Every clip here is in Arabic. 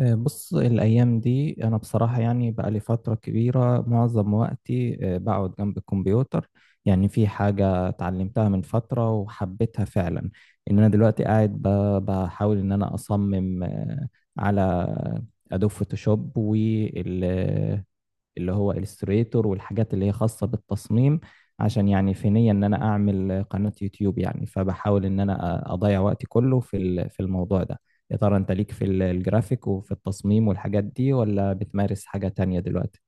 بص الأيام دي أنا بصراحة يعني بقى لي فترة كبيرة معظم وقتي بقعد جنب الكمبيوتر. يعني في حاجة اتعلمتها من فترة وحبيتها فعلا، إن أنا دلوقتي قاعد بحاول إن أنا أصمم على أدوب فوتوشوب اللي هو الستريتور والحاجات اللي هي خاصة بالتصميم، عشان يعني في نية ان انا اعمل قناة يوتيوب، يعني فبحاول ان انا اضيع وقتي كله في الموضوع ده. يا ترى انت ليك الجرافيك وفي التصميم والحاجات دي، ولا بتمارس حاجة تانية دلوقتي؟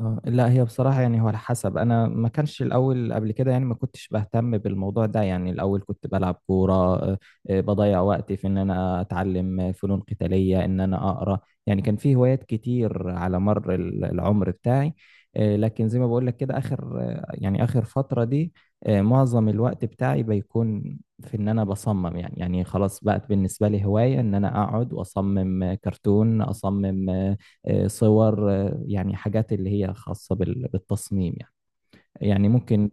لا، هي بصراحة يعني هو على حسب، أنا ما كانش الأول قبل كده، يعني ما كنتش بهتم بالموضوع ده، يعني الأول كنت بلعب كورة، بضيع وقتي في إن أنا أتعلم فنون قتالية، إن أنا أقرأ. يعني كان في هوايات كتير على مر العمر بتاعي، لكن زي ما بقول لك كده، آخر يعني آخر فترة دي معظم الوقت بتاعي بيكون في إن أنا بصمم، يعني خلاص بقت بالنسبة لي هواية إن أنا أقعد وأصمم، كرتون، أصمم صور. يعني حاجات اللي هي خاصة بالتصميم يعني، يعني ممكن.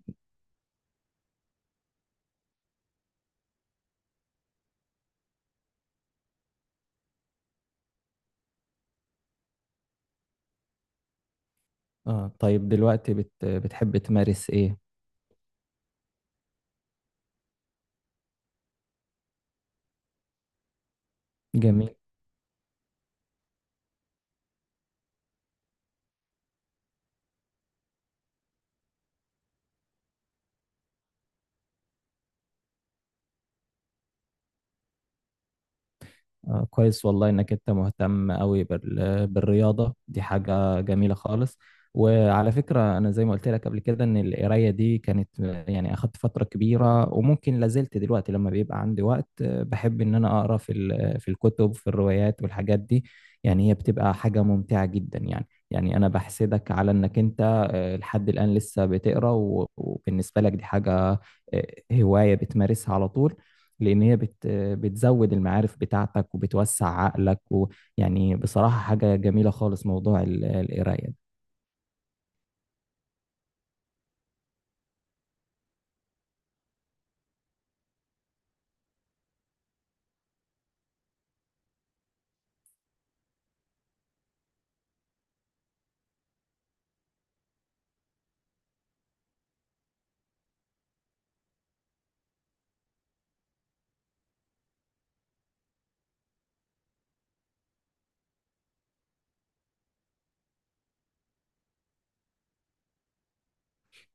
آه، طيب دلوقتي بتحب تمارس إيه؟ جميل. كويس والله انك انت مهتم قوي بالرياضه دي، حاجه جميله خالص. وعلى فكره، انا زي ما قلت لك قبل كده ان القرايه دي كانت، يعني اخدت فتره كبيره، وممكن لازلت دلوقتي لما بيبقى عندي وقت بحب ان انا اقرا في الكتب، في الروايات والحاجات دي. يعني هي بتبقى حاجه ممتعه جدا، يعني انا بحسدك على انك انت لحد الان لسه بتقرا وبالنسبه لك دي حاجه، هوايه بتمارسها على طول. لان هي بت بتزود المعارف بتاعتك وبتوسع عقلك، ويعني بصراحة حاجة جميلة خالص موضوع القراية ده.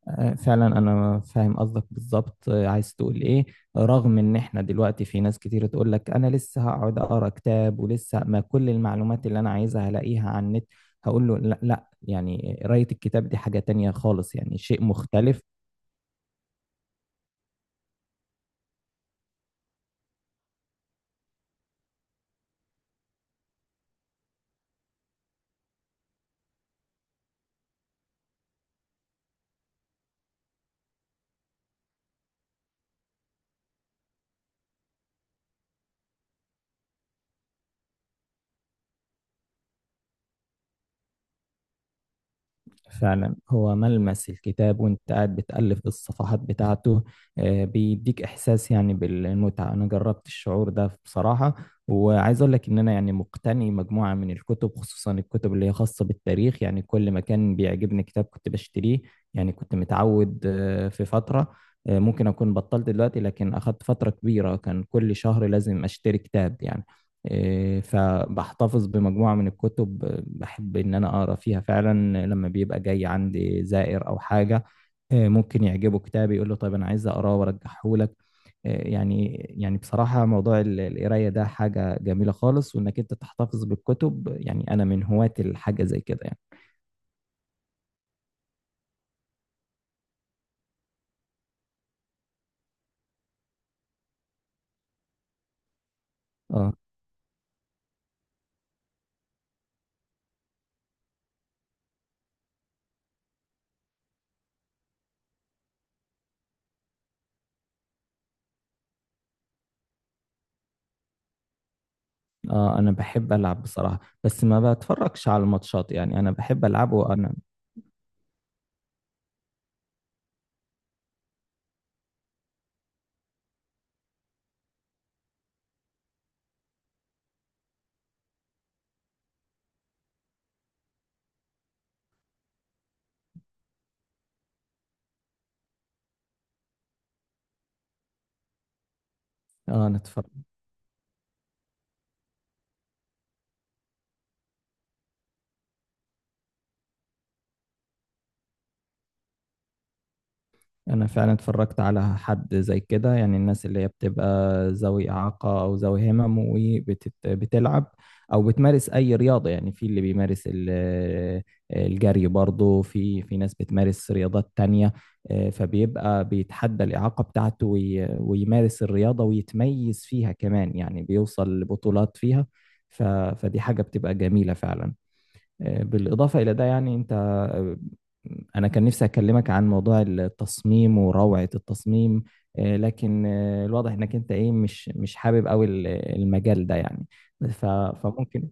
فعلا انا فاهم قصدك بالظبط عايز تقول ايه. رغم ان احنا دلوقتي في ناس كتير تقول لك انا لسه هقعد اقرا كتاب، ولسه ما كل المعلومات اللي انا عايزها هلاقيها على النت، هقول له لا، لا، يعني قراية الكتاب دي حاجة تانية خالص، يعني شيء مختلف. فعلا، هو ملمس الكتاب وانت قاعد بتألف الصفحات بتاعته بيديك احساس يعني بالمتعة، انا جربت الشعور ده بصراحة. وعايز اقول لك ان انا يعني مقتني مجموعة من الكتب، خصوصا الكتب اللي هي خاصة بالتاريخ، يعني كل ما كان بيعجبني كتاب كنت بشتريه. يعني كنت متعود في فترة، ممكن اكون بطلت دلوقتي، لكن اخدت فترة كبيرة كان كل شهر لازم اشتري كتاب يعني. إيه، فبحتفظ بمجموعة من الكتب، بحب إن أنا أقرأ فيها فعلا لما بيبقى جاي عندي زائر أو حاجة. إيه، ممكن يعجبه كتاب يقول له طيب أنا عايز أقراه وأرجحهولك. إيه، يعني بصراحة موضوع القراية ده حاجة جميلة خالص، وإنك أنت تحتفظ بالكتب، يعني أنا من هواة الحاجة زي كده يعني. آه آه، أنا بحب ألعب بصراحة، بس ما بتفرجش على الماتشات، يعني أنا بحب ألعب وأنا آه أنا انا فعلا اتفرجت على حد زي كده، يعني الناس اللي هي بتبقى ذوي اعاقه او ذوي همم وبتلعب، او بتمارس اي رياضه، يعني في اللي بيمارس الجري برضه، في ناس بتمارس رياضات تانية، فبيبقى بيتحدى الاعاقه بتاعته ويمارس الرياضه ويتميز فيها كمان، يعني بيوصل لبطولات فيها. ف- فدي حاجه بتبقى جميله فعلا. بالإضافة إلى ده يعني أنت أنا كان نفسي أكلمك عن موضوع التصميم وروعة التصميم، لكن الواضح إنك أنت إيه مش حابب أوي المجال ده يعني. فممكن.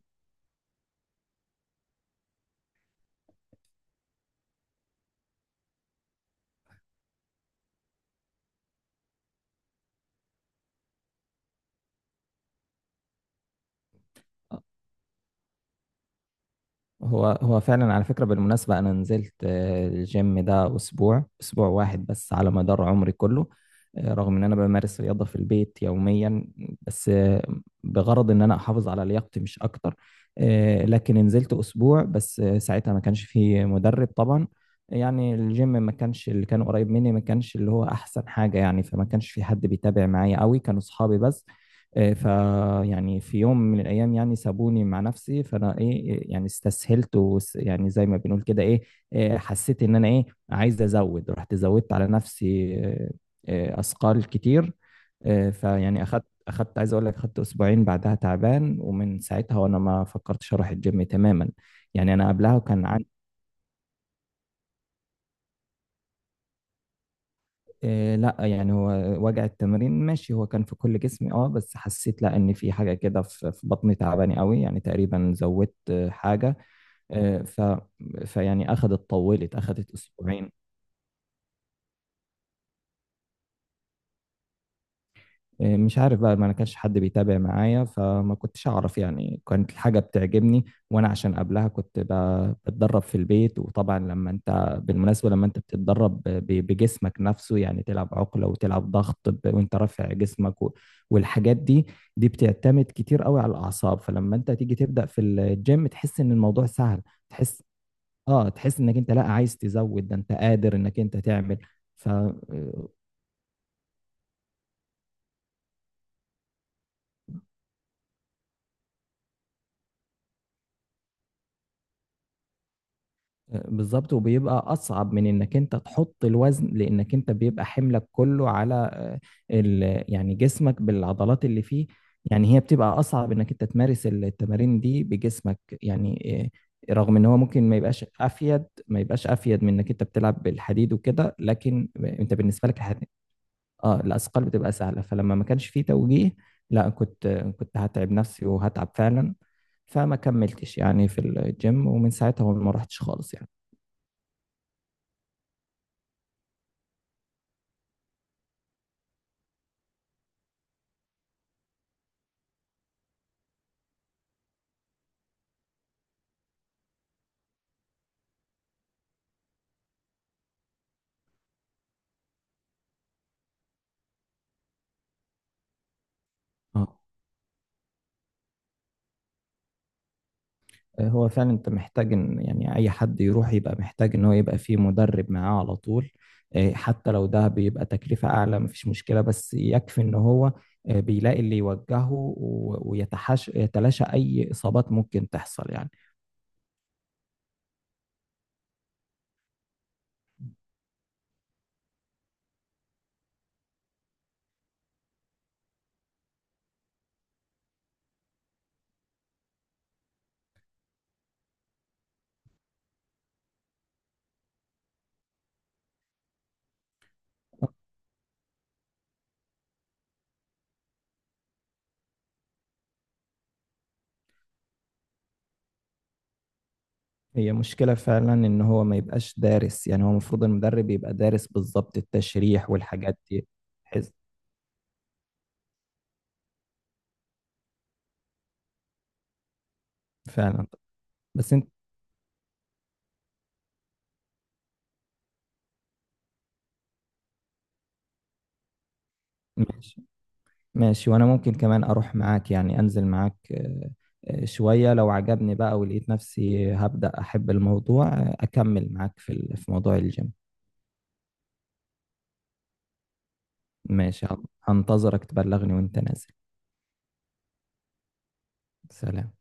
هو فعلا على فكرة بالمناسبة أنا نزلت الجيم ده أسبوع واحد بس على مدار عمري كله، رغم إن أنا بمارس رياضة في البيت يوميا، بس بغرض إن أنا أحافظ على لياقتي مش أكتر. لكن نزلت أسبوع بس، ساعتها ما كانش فيه مدرب طبعا. يعني الجيم ما كانش، اللي كان قريب مني ما كانش اللي هو أحسن حاجة، يعني فما كانش في حد بيتابع معايا قوي، كانوا أصحابي بس. فيعني في يوم من الايام يعني سابوني مع نفسي، فانا ايه يعني استسهلت، يعني زي ما بنقول كده ايه، إيه، حسيت ان انا ايه عايز ازود، رحت زودت على نفسي اثقال كتير، فيعني اخدت عايز اقول لك اخدت اسبوعين بعدها تعبان، ومن ساعتها وانا ما فكرتش اروح الجيم تماما. يعني انا قبلها كان إيه، لا يعني هو وجع التمرين ماشي، هو كان في كل جسمي، اه بس حسيت لا ان في حاجه كده في بطني تعباني قوي، يعني تقريبا زودت حاجه، آه، ف فيعني طولت اخذت اسبوعين. إيه، مش عارف بقى، ما انا كانش حد بيتابع معايا فما كنتش اعرف، يعني كانت الحاجة بتعجبني، وانا عشان قبلها كنت بتدرب في البيت، وطبعا لما انت بالمناسبة لما انت بتتدرب بجسمك نفسه، يعني تلعب عقلة وتلعب ضغط وانت رافع جسمك والحاجات دي، بتعتمد كتير قوي على الاعصاب. فلما انت تيجي تبدأ في الجيم تحس ان الموضوع سهل، تحس اه تحس انك انت لا عايز تزود، ده انت قادر انك انت تعمل. ف آه، بالظبط. وبيبقى اصعب من انك انت تحط الوزن، لانك انت بيبقى حملك كله على يعني جسمك بالعضلات اللي فيه، يعني هي بتبقى اصعب انك انت تمارس التمارين دي بجسمك يعني، رغم ان هو ممكن ما يبقاش افيد، من انك انت بتلعب بالحديد وكده، لكن انت بالنسبه لك الحديد، اه الاثقال بتبقى سهله. فلما ما كانش فيه توجيه، لا كنت هتعب نفسي وهتعب فعلا، فما كملتش يعني في الجيم، ومن ساعتها ما رحتش خالص يعني. اه، هو فعلا انت محتاج ان يعني اي حد يروح يبقى محتاج ان هو يبقى فيه مدرب معاه على طول، حتى لو ده بيبقى تكلفة اعلى مفيش مشكلة، بس يكفي ان هو بيلاقي اللي يوجهه و يتلاشى اي اصابات ممكن تحصل يعني. هي مشكلة فعلا ان هو ما يبقاش دارس، يعني هو المفروض المدرب يبقى دارس بالظبط التشريح والحاجات دي. حز- فعلا. بس انت ماشي، ماشي. وانا ممكن كمان اروح معاك، يعني انزل معاك شوية، لو عجبني بقى ولقيت نفسي هبدأ احب الموضوع اكمل معاك في موضوع الجيم. ماشي. هنتظرك تبلغني وانت نازل. سلام.